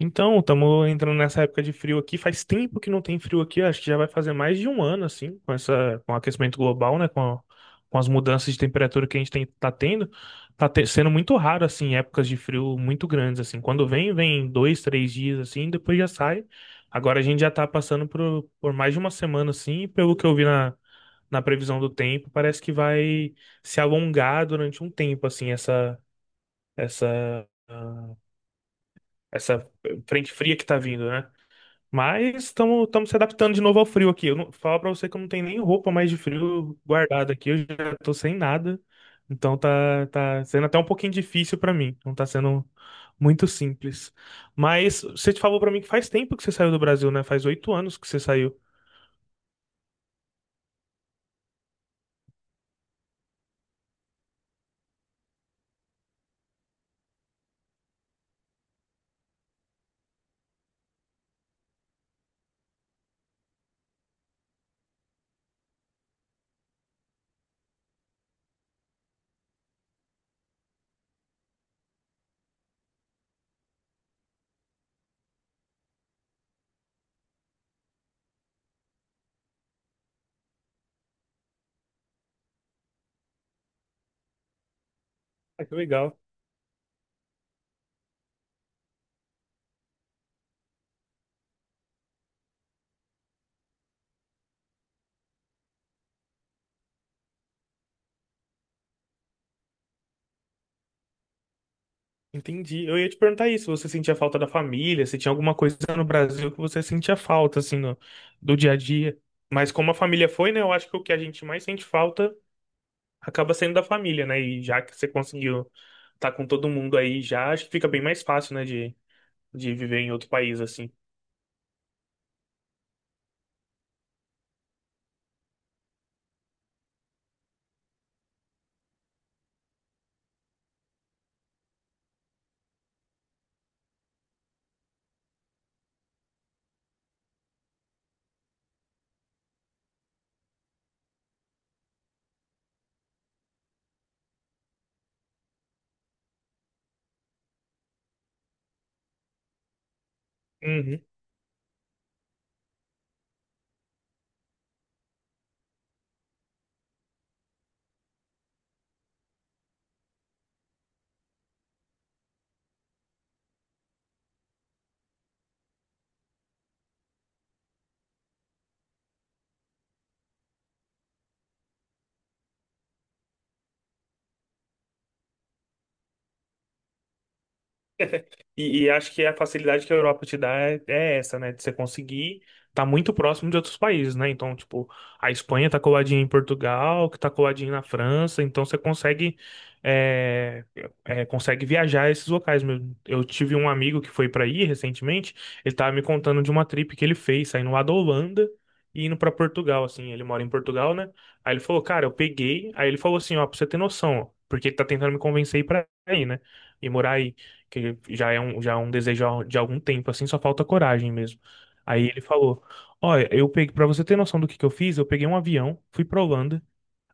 Então, estamos entrando nessa época de frio aqui. Faz tempo que não tem frio aqui, acho que já vai fazer mais de um ano, assim, com com o aquecimento global, né? Com as mudanças de temperatura que a gente tá tendo. Sendo muito raro, assim, épocas de frio muito grandes, assim. Quando vem 2, 3 dias, assim, depois já sai. Agora a gente já tá passando por mais de uma semana, assim, e pelo que eu vi na previsão do tempo, parece que vai se alongar durante um tempo, assim, essa, ah, essa frente fria que tá vindo, né? Mas estamos se adaptando de novo ao frio aqui. Eu não, falo pra você que eu não tenho nem roupa mais de frio guardada aqui. Eu já tô sem nada. Então tá sendo até um pouquinho difícil pra mim. Não tá sendo muito simples. Mas você te falou pra mim que faz tempo que você saiu do Brasil, né? Faz 8 anos que você saiu. Ah, que legal. Entendi. Eu ia te perguntar isso, você sentia falta da família, se tinha alguma coisa no Brasil que você sentia falta, assim, do dia a dia. Mas como a família foi, né, eu acho que o que a gente mais sente falta acaba sendo da família, né? E já que você conseguiu estar com todo mundo aí já, acho que fica bem mais fácil, né, de viver em outro país, assim. E acho que a facilidade que a Europa te dá é essa, né? De você conseguir estar muito próximo de outros países, né? Então, tipo, a Espanha tá coladinha em Portugal, que tá coladinha na França, então você é, consegue viajar a esses locais mesmo. Eu tive um amigo que foi para aí recentemente, ele tava me contando de uma trip que ele fez, saindo lá da Holanda e indo para Portugal, assim. Ele mora em Portugal, né? Aí ele falou, cara, eu peguei. Aí ele falou assim, ó, pra você ter noção, ó, porque ele tá tentando me convencer a ir pra aí, né? E morar aí que já é um desejo de algum tempo, assim, só falta coragem mesmo. Aí ele falou: olha, eu peguei, pra você ter noção do que eu fiz, eu peguei um avião, fui pra Holanda.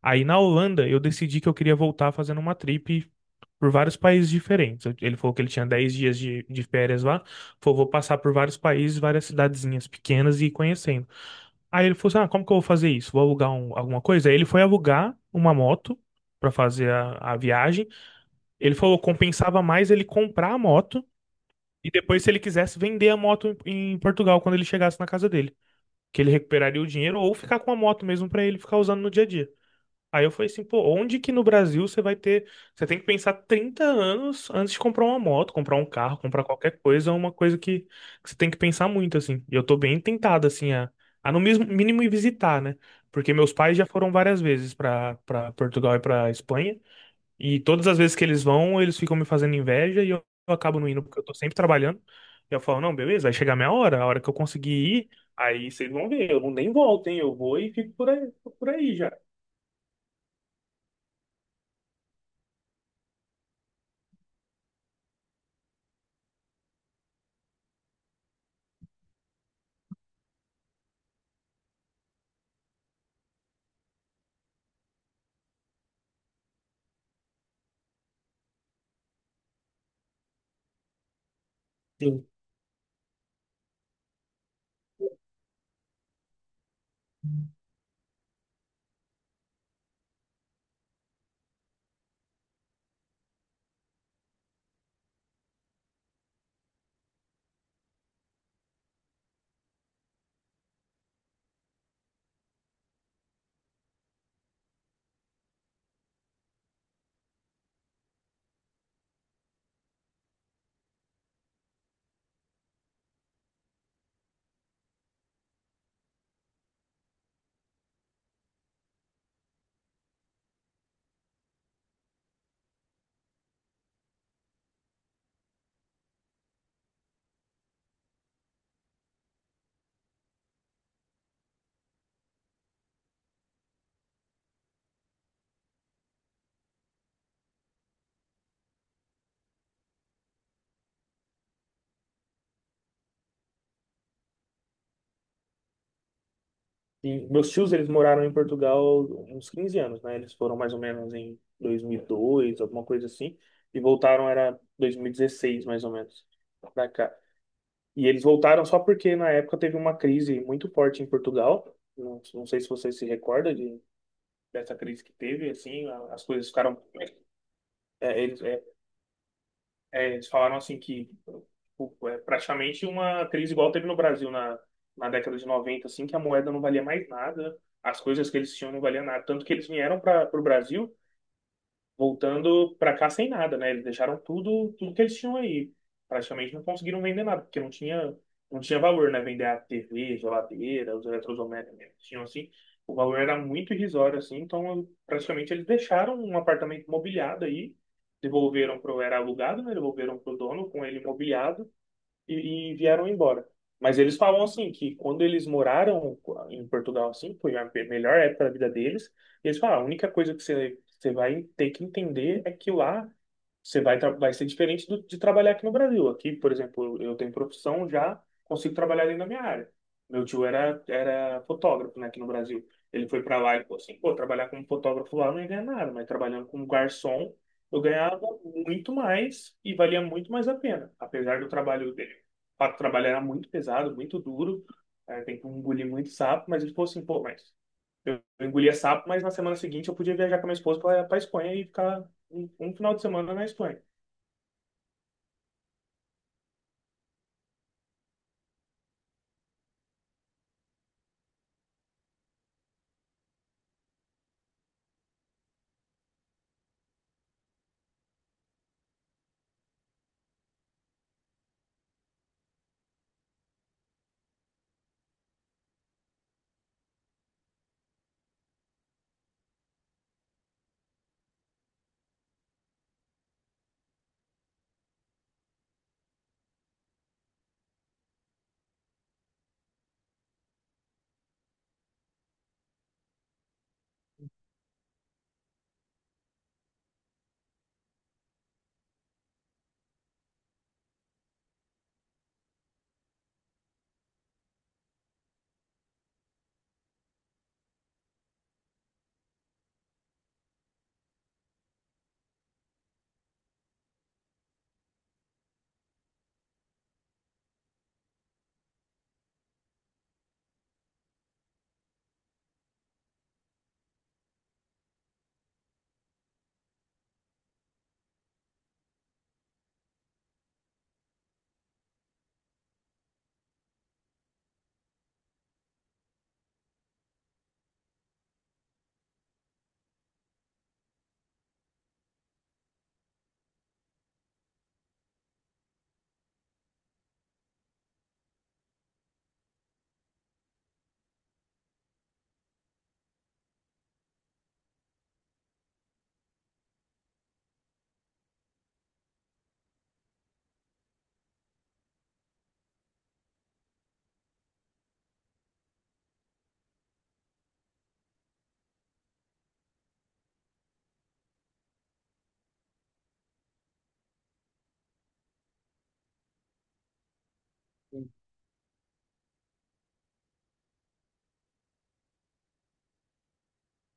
Aí na Holanda eu decidi que eu queria voltar fazendo uma trip por vários países diferentes. Ele falou que ele tinha 10 dias de férias lá, falou: vou passar por vários países, várias cidadezinhas pequenas e ir conhecendo. Aí ele falou assim: ah, como que eu vou fazer isso? Vou alugar alguma coisa? Aí ele foi alugar uma moto. Pra fazer a viagem. Ele falou que compensava mais ele comprar a moto e depois, se ele quisesse vender a moto em Portugal quando ele chegasse na casa dele, que ele recuperaria o dinheiro ou ficar com a moto mesmo pra ele ficar usando no dia a dia. Aí eu falei assim, pô, onde que no Brasil você vai ter. Você tem que pensar 30 anos antes de comprar uma moto, comprar um carro, comprar qualquer coisa, é uma coisa que você tem que pensar muito, assim. E eu tô bem tentado, assim, a no mesmo mínimo ir visitar, né? Porque meus pais já foram várias vezes pra para Portugal e pra Espanha. E todas as vezes que eles vão, eles ficam me fazendo inveja e eu acabo não indo porque eu tô sempre trabalhando. E eu falo, não, beleza, vai chegar a minha hora, a hora que eu conseguir ir, aí vocês vão ver, eu não nem volto, hein? Eu vou e fico por aí já. Sim. E meus tios, eles moraram em Portugal uns 15 anos, né? Eles foram mais ou menos em 2002, alguma coisa assim, e voltaram era 2016, mais ou menos, pra cá. E eles voltaram só porque na época teve uma crise muito forte em Portugal. Não, não sei se você se recorda de dessa crise que teve, assim, as coisas ficaram. É, eles, é, Eles falaram assim que tipo, é praticamente uma crise igual teve no Brasil na década de 90, assim, que a moeda não valia mais nada, as coisas que eles tinham não valiam nada. Tanto que eles vieram para o Brasil voltando para cá sem nada, né? Eles deixaram tudo, tudo que eles tinham aí. Praticamente não conseguiram vender nada, porque não tinha valor, né? Vender a TV, geladeira, os eletrodomésticos que tinham assim, o valor era muito irrisório, assim, então praticamente eles deixaram um apartamento mobiliado aí, devolveram era alugado, né? Devolveram pro dono com ele mobiliado e vieram embora. Mas eles falam assim que quando eles moraram em Portugal, assim, foi a melhor época da vida deles. E eles falam: "Ah, a única coisa que você vai ter que entender é que lá você vai ser diferente de trabalhar aqui no Brasil. Aqui, por exemplo, eu tenho profissão já, consigo trabalhar dentro da minha área. Meu tio era fotógrafo, né, aqui no Brasil. Ele foi para lá e falou assim, pô, trabalhar como fotógrafo lá eu não ia ganhar nada, mas trabalhando como garçom eu ganhava muito mais e valia muito mais a pena. Apesar do trabalho dele fato, o trabalho era muito pesado, muito duro, é, tem que engolir muito sapo, mas ele falou assim, pô, mas eu engolia sapo, mas na semana seguinte eu podia viajar com a minha esposa para Espanha e ficar um final de semana na Espanha".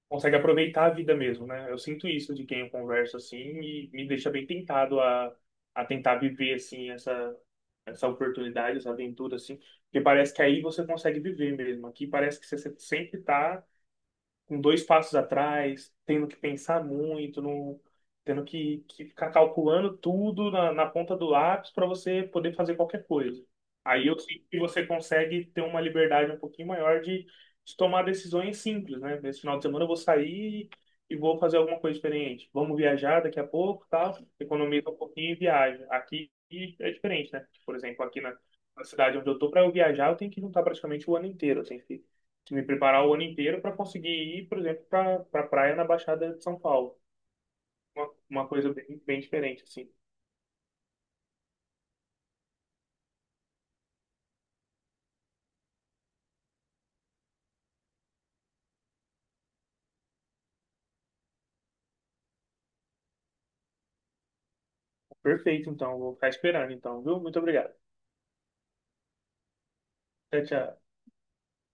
Consegue aproveitar a vida mesmo, né? Eu sinto isso de quem eu converso assim e me deixa bem tentado a tentar viver assim essa oportunidade, essa aventura assim, porque parece que aí você consegue viver mesmo. Aqui parece que você sempre está com dois passos atrás, tendo que pensar muito, não, tendo que ficar calculando tudo na ponta do lápis para você poder fazer qualquer coisa. Aí eu sinto que você consegue ter uma liberdade um pouquinho maior de tomar decisões simples, né? Nesse final de semana eu vou sair e vou fazer alguma coisa diferente. Vamos viajar daqui a pouco, tal, economiza um pouquinho e viaja. Aqui é diferente, né? Por exemplo, aqui na cidade onde eu tô, para eu viajar, eu tenho que juntar praticamente o ano inteiro, eu tenho que me preparar o ano inteiro para conseguir ir, por exemplo, para pra pra praia na Baixada de São Paulo. Uma coisa bem, bem diferente, assim. Perfeito, então. Vou ficar esperando, então, viu? Muito obrigado. Tchau, tchau.